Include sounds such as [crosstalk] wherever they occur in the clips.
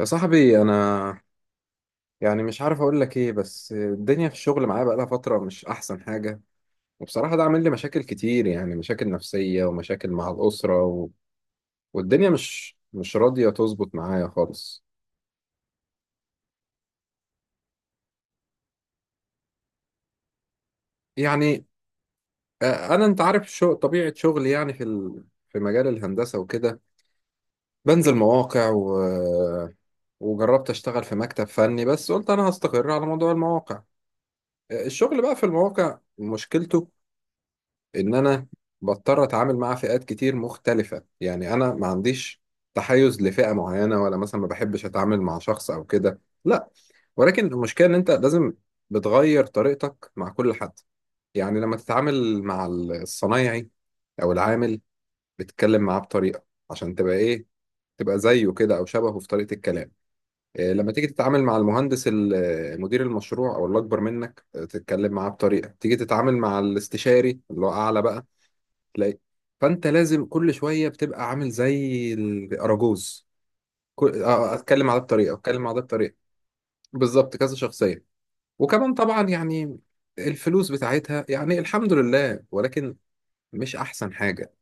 يا صاحبي، انا مش عارف اقول لك ايه، بس الدنيا في الشغل معايا بقالها فتره مش احسن حاجه. وبصراحه ده عامل لي مشاكل كتير، يعني مشاكل نفسيه ومشاكل مع الاسره والدنيا مش راضيه تظبط معايا خالص. يعني انا انت عارف طبيعه شغلي، يعني في مجال الهندسه وكده، بنزل مواقع وجربت اشتغل في مكتب فني، بس قلت انا هستقر على موضوع المواقع. الشغل بقى في المواقع مشكلته ان انا بضطر اتعامل مع فئات كتير مختلفة. يعني انا ما عنديش تحيز لفئة معينة، ولا مثلا ما بحبش اتعامل مع شخص او كده، لا. ولكن المشكلة ان انت لازم بتغير طريقتك مع كل حد. يعني لما تتعامل مع الصنايعي او العامل، بتتكلم معاه بطريقة عشان تبقى ايه، تبقى زيه كده او شبهه في طريقة الكلام. إيه، لما تيجي تتعامل مع المهندس مدير المشروع او اللي اكبر منك، تتكلم معاه بطريقة، تيجي تتعامل مع الاستشاري اللي هو اعلى بقى، تلاقي فانت لازم كل شويه بتبقى عامل زي الاراجوز. كل... آه، آه، اتكلم على ده بطريقه، اتكلم على ده بطريقه. بالظبط كذا شخصيه. وكمان طبعا يعني الفلوس بتاعتها يعني الحمد لله، ولكن مش احسن حاجه.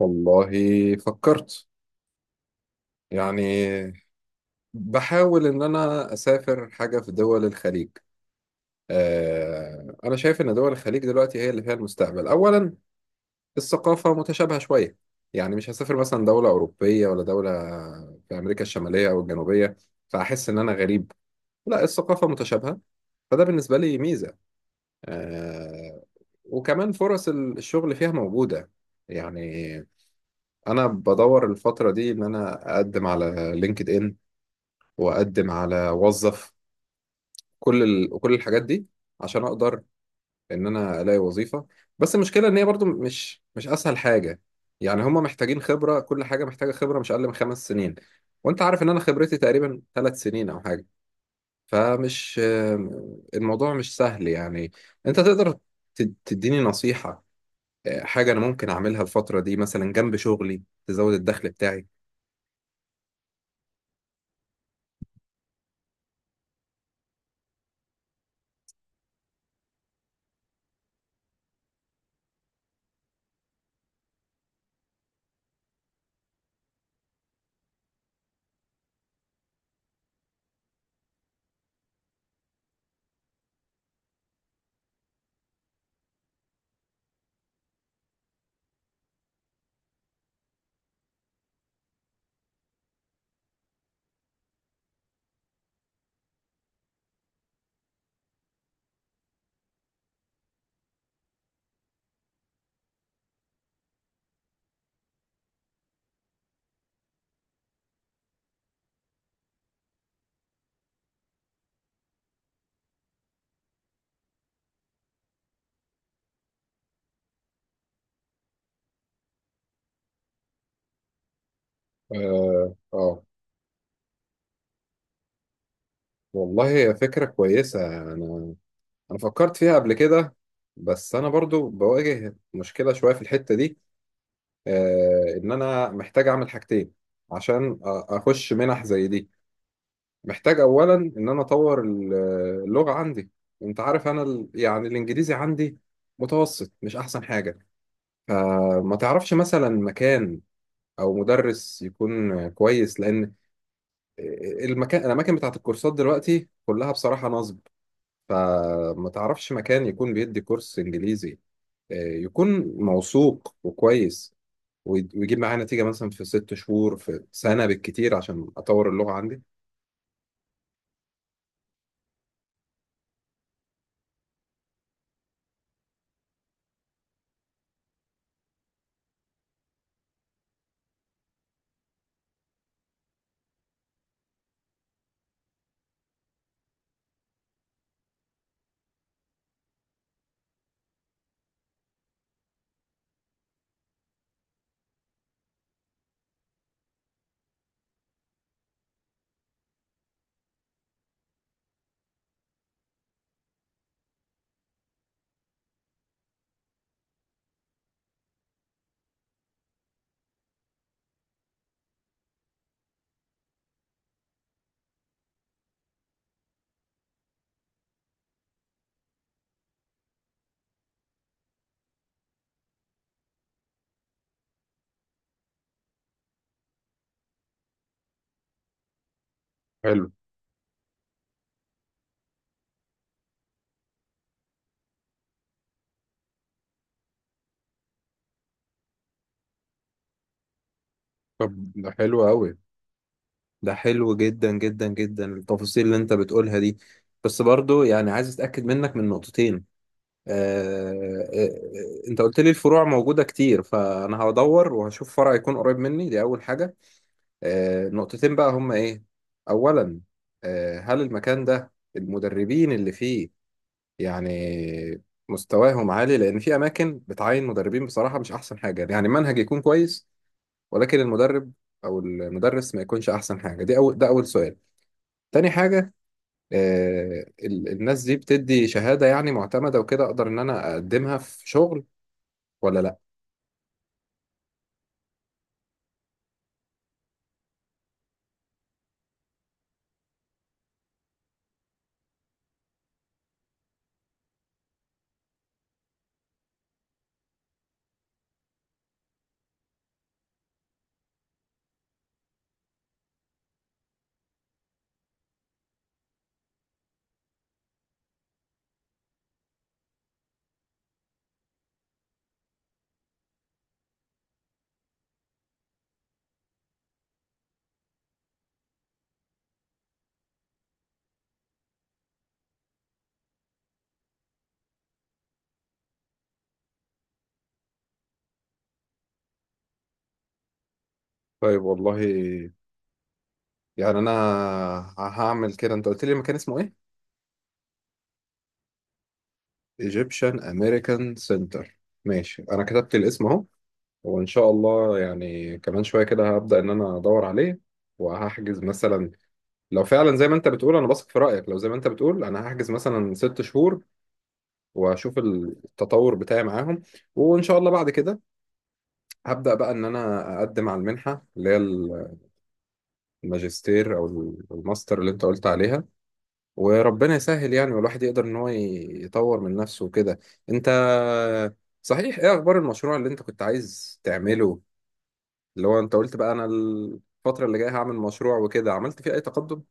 والله فكرت، يعني بحاول ان انا اسافر حاجه في دول الخليج. انا شايف ان دول الخليج دلوقتي هي اللي فيها المستقبل. اولا، الثقافة متشابهة شوية، يعني مش هسافر مثلا دولة أوروبية ولا دولة في أمريكا الشمالية أو الجنوبية فأحس إن أنا غريب. لا، الثقافة متشابهة، فده بالنسبة لي ميزة. آه. وكمان فرص الشغل فيها موجودة. يعني أنا بدور الفترة دي إن أنا أقدم على لينكد إن، وأقدم على وظف، كل الحاجات دي، عشان أقدر ان انا الاقي وظيفه. بس المشكله ان هي برضو مش اسهل حاجه. يعني هم محتاجين خبره، كل حاجه محتاجه خبره مش اقل من 5 سنين. وانت عارف ان انا خبرتي تقريبا 3 سنين او حاجه. فمش آم، الموضوع مش سهل يعني. انت تقدر تديني نصيحه، حاجه انا ممكن اعملها الفتره دي مثلا جنب شغلي تزود الدخل بتاعي؟ اه، آه. والله هي فكره كويسه. انا انا فكرت فيها قبل كده، بس انا برضو بواجه مشكله شويه في الحته دي. ان انا محتاج اعمل حاجتين عشان اخش منح زي دي. محتاج اولا ان انا اطور اللغه عندي. انت عارف انا يعني الانجليزي عندي متوسط، مش احسن حاجه. فما تعرفش مثلا مكان او مدرس يكون كويس، لان الاماكن بتاعت الكورسات دلوقتي كلها بصراحه نصب. فما تعرفش مكان يكون بيدي كورس انجليزي، يكون موثوق وكويس، ويجيب معايا نتيجة مثلا في 6 شهور في سنة بالكتير، عشان أطور اللغة عندي. حلو. طب ده حلو قوي، ده حلو جدا جدا جدا التفاصيل اللي انت بتقولها دي. بس برضو يعني عايز اتاكد منك من نقطتين. آه. آه. انت قلت لي الفروع موجوده كتير، فانا هدور وهشوف فرع يكون قريب مني، دي اول حاجه. آه، نقطتين بقى هما ايه. اولا، آه، هل المكان ده المدربين اللي فيه يعني مستواهم عالي؟ لان في اماكن بتعين مدربين بصراحه مش احسن حاجه، يعني المنهج يكون كويس ولكن المدرب او المدرس ما يكونش احسن حاجه. دي اول ده اول سؤال. تاني حاجه، آه، الناس دي بتدي شهاده يعني معتمده، وكده اقدر ان انا اقدمها في شغل ولا لا؟ طيب، والله يعني انا هعمل كده. انت قلت لي المكان اسمه ايه؟ Egyptian American Center. ماشي. انا كتبت الاسم اهو. وإن شاء الله يعني كمان شوية كده هبدأ إن أنا أدور عليه وهحجز مثلا. لو فعلا زي ما أنت بتقول، أنا بثق في رأيك، لو زي ما أنت بتقول أنا هحجز مثلا 6 شهور وأشوف التطور بتاعي معاهم. وإن شاء الله بعد كده هبدأ بقى إن أنا أقدم على المنحة اللي هي الماجستير أو الماستر اللي أنت قلت عليها. وربنا يسهل يعني، والواحد يقدر إن هو يطور من نفسه وكده. أنت، صحيح، إيه أخبار المشروع اللي أنت كنت عايز تعمله، اللي هو انت قلت بقى انا الفترة اللي جاية هعمل مشروع وكده؟ عملت فيه اي تقدم؟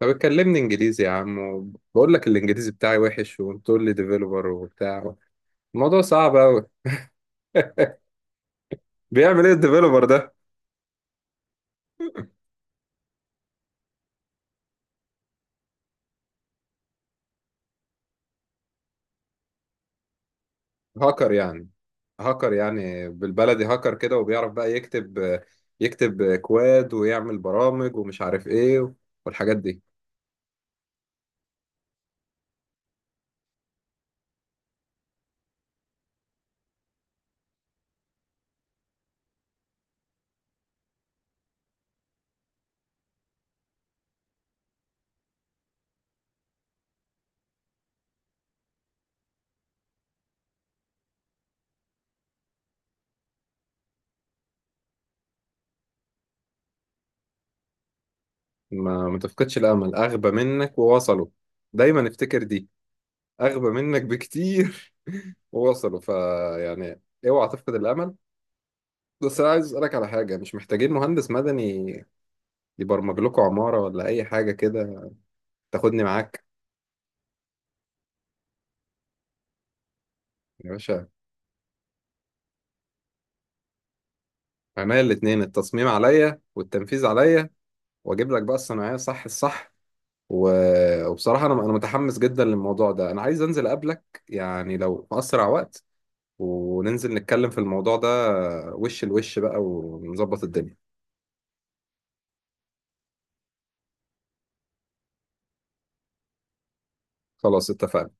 طب اتكلمني انجليزي يا عم، بقول لك الانجليزي بتاعي وحش وبتقول لي ديفيلوبر وبتاع. الموضوع صعب قوي. [laughs] بيعمل ايه الديفيلوبر ده؟ هاكر يعني؟ هاكر يعني بالبلدي، هاكر كده وبيعرف بقى يكتب، يكتب كواد ويعمل برامج ومش عارف ايه والحاجات دي. ما تفقدش الامل، اغبى منك ووصلوا. دايما افتكر دي، اغبى منك بكتير [laughs] ووصلوا، فيعني اوعى تفقد الامل. بس انا عايز اسالك على حاجه. مش محتاجين مهندس مدني يبرمج لكم عماره ولا اي حاجه كده؟ تاخدني معاك؟ يا باشا، عينيا الاتنين، التصميم عليا والتنفيذ عليا، واجيب لك بقى الصناعيه صح الصح و... وبصراحه انا متحمس جدا للموضوع ده، انا عايز انزل اقابلك يعني لو في اسرع وقت وننزل نتكلم في الموضوع ده وش لوش بقى ونظبط الدنيا. خلاص، اتفقنا.